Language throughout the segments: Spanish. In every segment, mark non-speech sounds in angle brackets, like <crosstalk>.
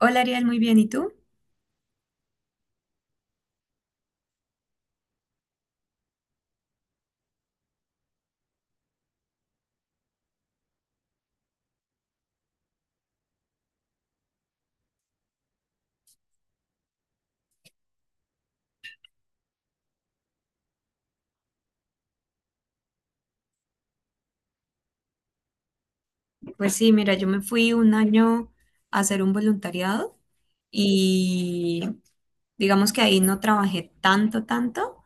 Hola Ariel, muy bien. ¿Y tú? Pues sí, mira, yo me fui un año a hacer un voluntariado y digamos que ahí no trabajé tanto,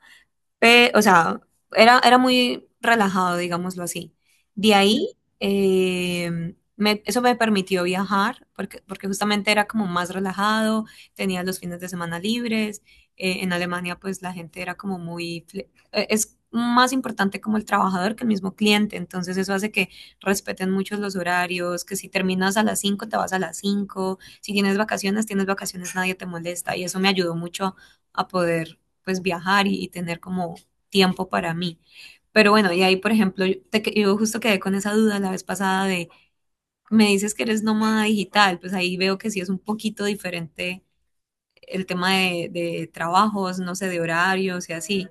O sea, era muy relajado, digámoslo así. De ahí, eso me permitió viajar, porque justamente era como más relajado, tenía los fines de semana libres. En Alemania, pues la gente era como muy es más importante como el trabajador que el mismo cliente, entonces eso hace que respeten mucho los horarios, que si terminas a las 5 te vas a las 5, si tienes vacaciones, tienes vacaciones, nadie te molesta, y eso me ayudó mucho a poder pues viajar y tener como tiempo para mí. Pero bueno, y ahí, por ejemplo, yo justo quedé con esa duda la vez pasada de, me dices que eres nómada digital, pues ahí veo que sí es un poquito diferente el tema de trabajos, no sé, de horarios y así.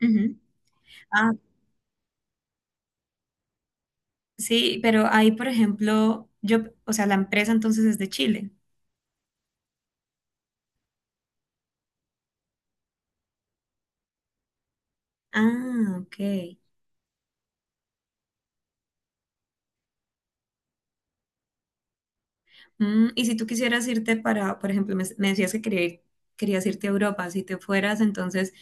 Ujú. Ah, sí, pero ahí, por ejemplo, o sea, la empresa entonces es de Chile. Ah, ok. Y si tú quisieras irte para, por ejemplo, me decías que querías irte a Europa, si te fueras, entonces,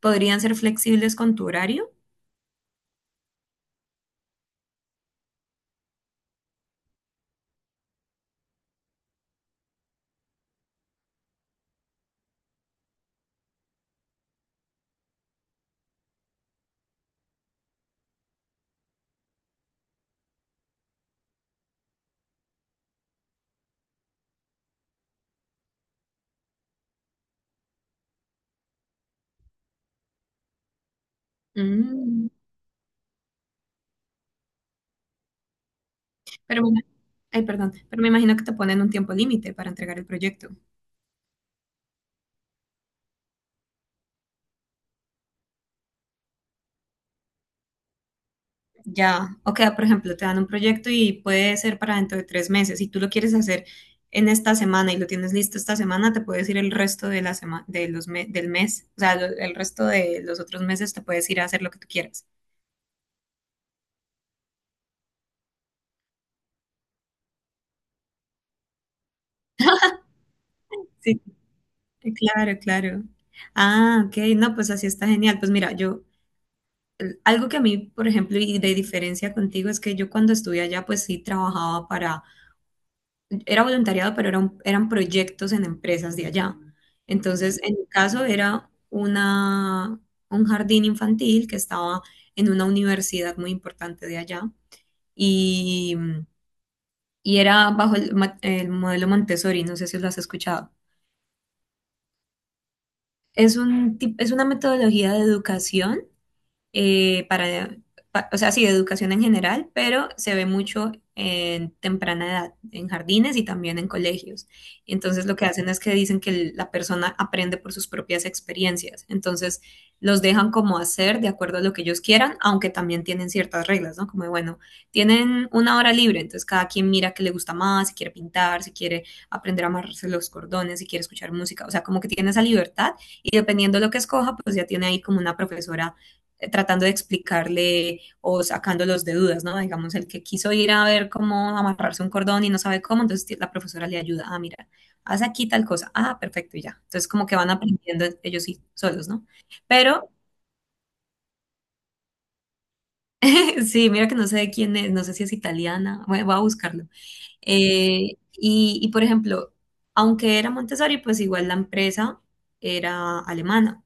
¿podrían ser flexibles con tu horario? Mm, pero, me- ay, perdón, pero me imagino que te ponen un tiempo límite para entregar el proyecto. Ya, o sea, por ejemplo, te dan un proyecto y puede ser para dentro de 3 meses. Si tú lo quieres hacer en esta semana y lo tienes listo esta semana, te puedes ir el resto de la semana, del mes, o sea, el resto de los otros meses te puedes ir a hacer lo que tú quieras. Sí. Claro, claro. Ah, ok, no, pues así está genial. Pues mira, algo que a mí, por ejemplo, y de diferencia contigo es que yo cuando estuve allá, pues sí trabajaba para era voluntariado, pero eran proyectos en empresas de allá. Entonces, en mi caso era un jardín infantil que estaba en una universidad muy importante de allá y, y era bajo el modelo Montessori, no sé si lo has escuchado. Es una metodología de educación eh, para, o sea, sí, de educación en general, pero se ve mucho en temprana edad, en jardines y también en colegios. Entonces lo que hacen es que dicen que la persona aprende por sus propias experiencias. Entonces los dejan como hacer de acuerdo a lo que ellos quieran, aunque también tienen ciertas reglas, ¿no? Como, de, bueno, tienen una hora libre, entonces cada quien mira qué le gusta más, si quiere pintar, si quiere aprender a amarrarse los cordones, si quiere escuchar música, o sea, como que tiene esa libertad y dependiendo de lo que escoja, pues ya tiene ahí como una profesora tratando de explicarle o sacándolos de dudas, ¿no? Digamos, el que quiso ir a ver cómo amarrarse un cordón y no sabe cómo, entonces la profesora le ayuda, ah, mira, haz aquí tal cosa, ah, perfecto, y ya. Entonces como que van aprendiendo ellos sí, solos, ¿no? Pero <laughs> sí, mira que no sé de quién es, no sé si es italiana, bueno, voy a buscarlo. Y por ejemplo, aunque era Montessori, pues igual la empresa era alemana.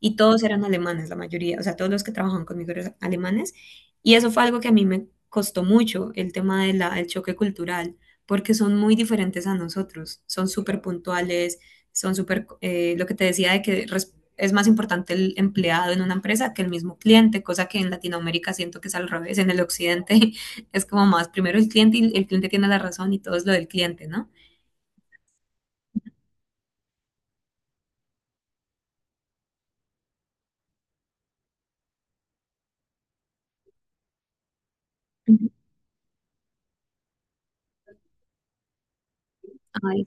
Y todos eran alemanes, la mayoría, o sea, todos los que trabajaban conmigo eran alemanes, y eso fue algo que a mí me costó mucho, el tema del choque cultural, porque son muy diferentes a nosotros, son súper puntuales, son súper, lo que te decía de que es más importante el empleado en una empresa que el mismo cliente, cosa que en Latinoamérica siento que es al revés, en el occidente <laughs> es como más, primero el cliente y el cliente tiene la razón y todo es lo del cliente, ¿no? Ujú. Ay,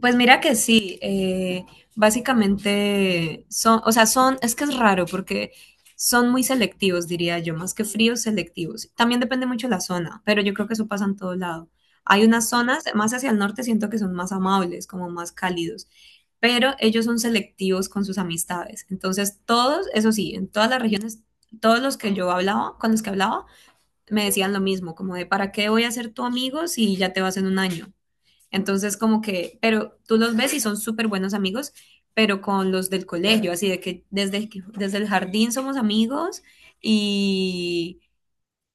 pues mira que sí, básicamente son, es que es raro porque son muy selectivos, diría yo, más que fríos, selectivos. También depende mucho de la zona, pero yo creo que eso pasa en todo lado. Hay unas zonas, más hacia el norte siento que son más amables, como más cálidos, pero ellos son selectivos con sus amistades. Entonces, todos, eso sí, en todas las regiones, todos los que yo hablaba, con los que hablaba, me decían lo mismo, como de, ¿para qué voy a ser tu amigo si ya te vas en un año? Entonces, como que, pero tú los ves y son súper buenos amigos, pero con los del colegio, así de que desde el jardín somos amigos y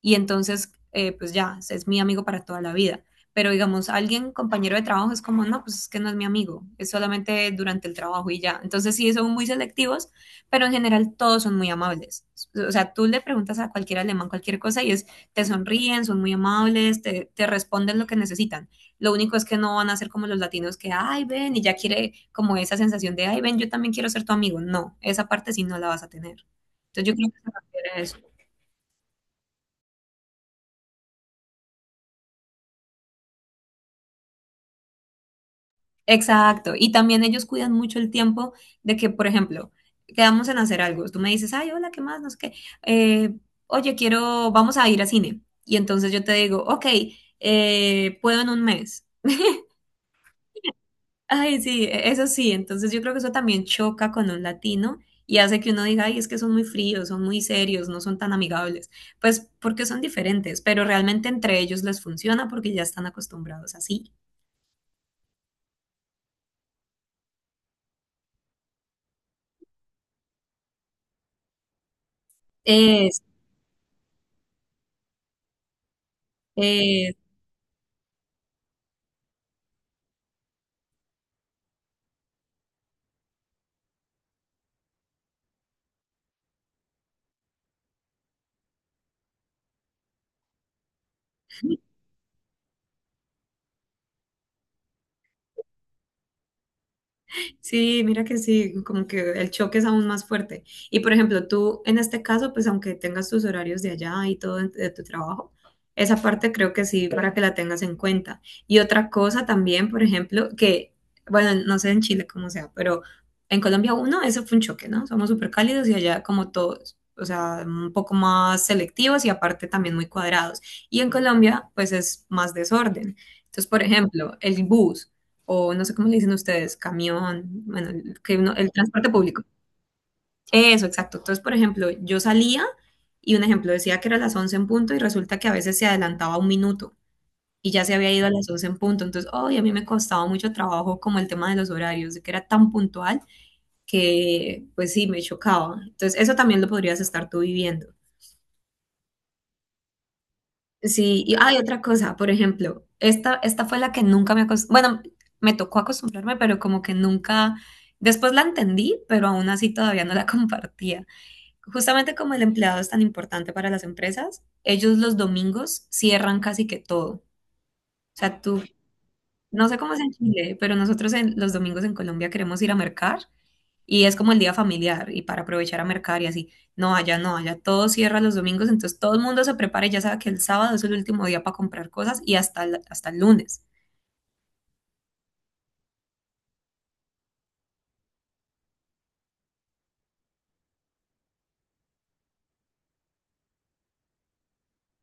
y entonces, pues ya, es mi amigo para toda la vida. Pero digamos, alguien, compañero de trabajo, es como, no, pues es que no es mi amigo, es solamente durante el trabajo y ya. Entonces sí, son muy selectivos, pero en general todos son muy amables. O sea, tú le preguntas a cualquier alemán cualquier cosa y te sonríen, son muy amables, te responden lo que necesitan. Lo único es que no van a ser como los latinos que, ay, ven, y ya quiere como esa sensación de, ay, ven, yo también quiero ser tu amigo. No, esa parte sí no la vas a tener. Entonces yo creo que se refiere a eso. Exacto. Y también ellos cuidan mucho el tiempo de que, por ejemplo, quedamos en hacer algo. Tú me dices, ay, hola, ¿qué más? No sé qué. Eh, oye, vamos a ir a cine. Y entonces yo te digo, ok, puedo en un mes. Ay, sí, eso sí. Entonces yo creo que eso también choca con un latino y hace que uno diga, ay, es que son muy fríos, son muy serios, no son tan amigables. Pues porque son diferentes, pero realmente entre ellos les funciona porque ya están acostumbrados así. Es, es. Sí, mira que sí, como que el choque es aún más fuerte. Y por ejemplo, tú en este caso, pues aunque tengas tus horarios de allá y todo de tu trabajo, esa parte creo que sí, para que la tengas en cuenta. Y otra cosa también, por ejemplo, que, bueno, no sé en Chile cómo sea, pero en Colombia uno, eso fue un choque, ¿no? Somos súper cálidos y allá como todos, o sea, un poco más selectivos y aparte también muy cuadrados. Y en Colombia, pues es más desorden. Entonces, por ejemplo, el bus o no sé cómo le dicen ustedes, camión, bueno, el transporte público. Eso, exacto. Entonces, por ejemplo, yo salía y un ejemplo decía que era las 11 en punto y resulta que a veces se adelantaba un minuto y ya se había ido a las 11 en punto. Entonces, hoy a mí me costaba mucho trabajo como el tema de los horarios, de que era tan puntual que pues sí, me chocaba. Entonces, eso también lo podrías estar tú viviendo. Sí, y hay otra cosa, por ejemplo, esta fue la que nunca me acostumbré, bueno, me tocó acostumbrarme, pero como que nunca, después la entendí, pero aún así todavía no la <laughs> compartía. Justamente como el empleado es tan importante para las empresas, ellos los domingos cierran casi que todo. O sea, tú, no sé cómo es en Chile, pero nosotros los domingos en Colombia queremos ir a mercar y es como el día familiar y para aprovechar a mercar y así. No, allá no, allá todo cierra los domingos, entonces todo el mundo se prepara y ya sabe que el sábado es el último día para comprar cosas y hasta el lunes.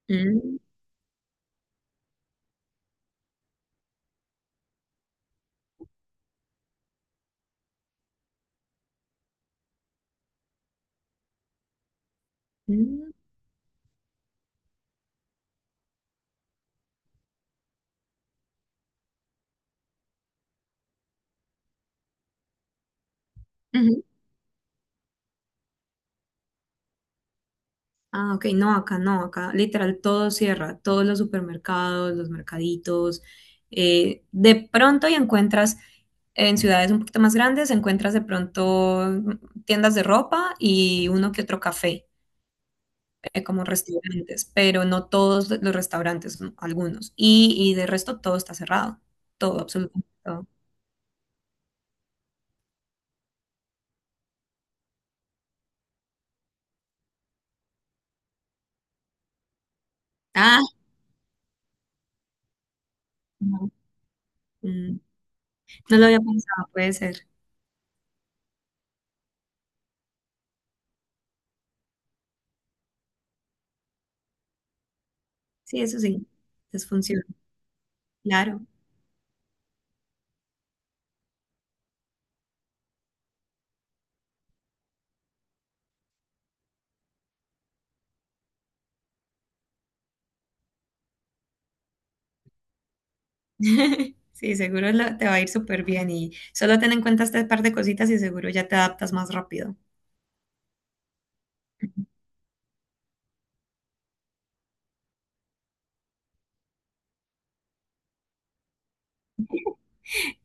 Mm, mm, ujú. Ah, ok, no, acá no, acá literal todo cierra, todos los supermercados, los mercaditos. De pronto y encuentras en ciudades un poquito más grandes, encuentras de pronto tiendas de ropa y uno que otro café como restaurantes, pero no todos los restaurantes, no, algunos. Y de resto todo está cerrado, todo, absolutamente todo. Ah, no, mm, no lo había pensado, puede ser. Sí, eso sí, les funciona, claro. <laughs> Sí, seguro te va a ir súper bien y solo ten en cuenta este par de cositas y seguro ya te adaptas más rápido.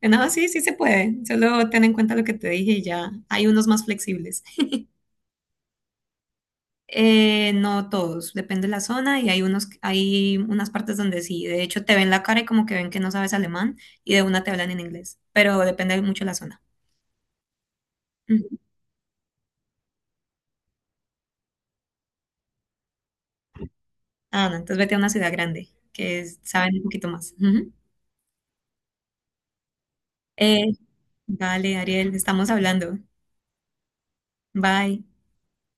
No, sí, sí se puede. Solo ten en cuenta lo que te dije y ya hay unos más flexibles. No todos, depende de la zona y hay hay unas partes donde sí, de hecho te ven la cara y como que ven que no sabes alemán y de una te hablan en inglés, pero depende mucho de la zona. Ujú. Ah, no, entonces vete a una ciudad grande que saben un poquito más. Ujú. Eh, vale, Ariel, estamos hablando. Bye.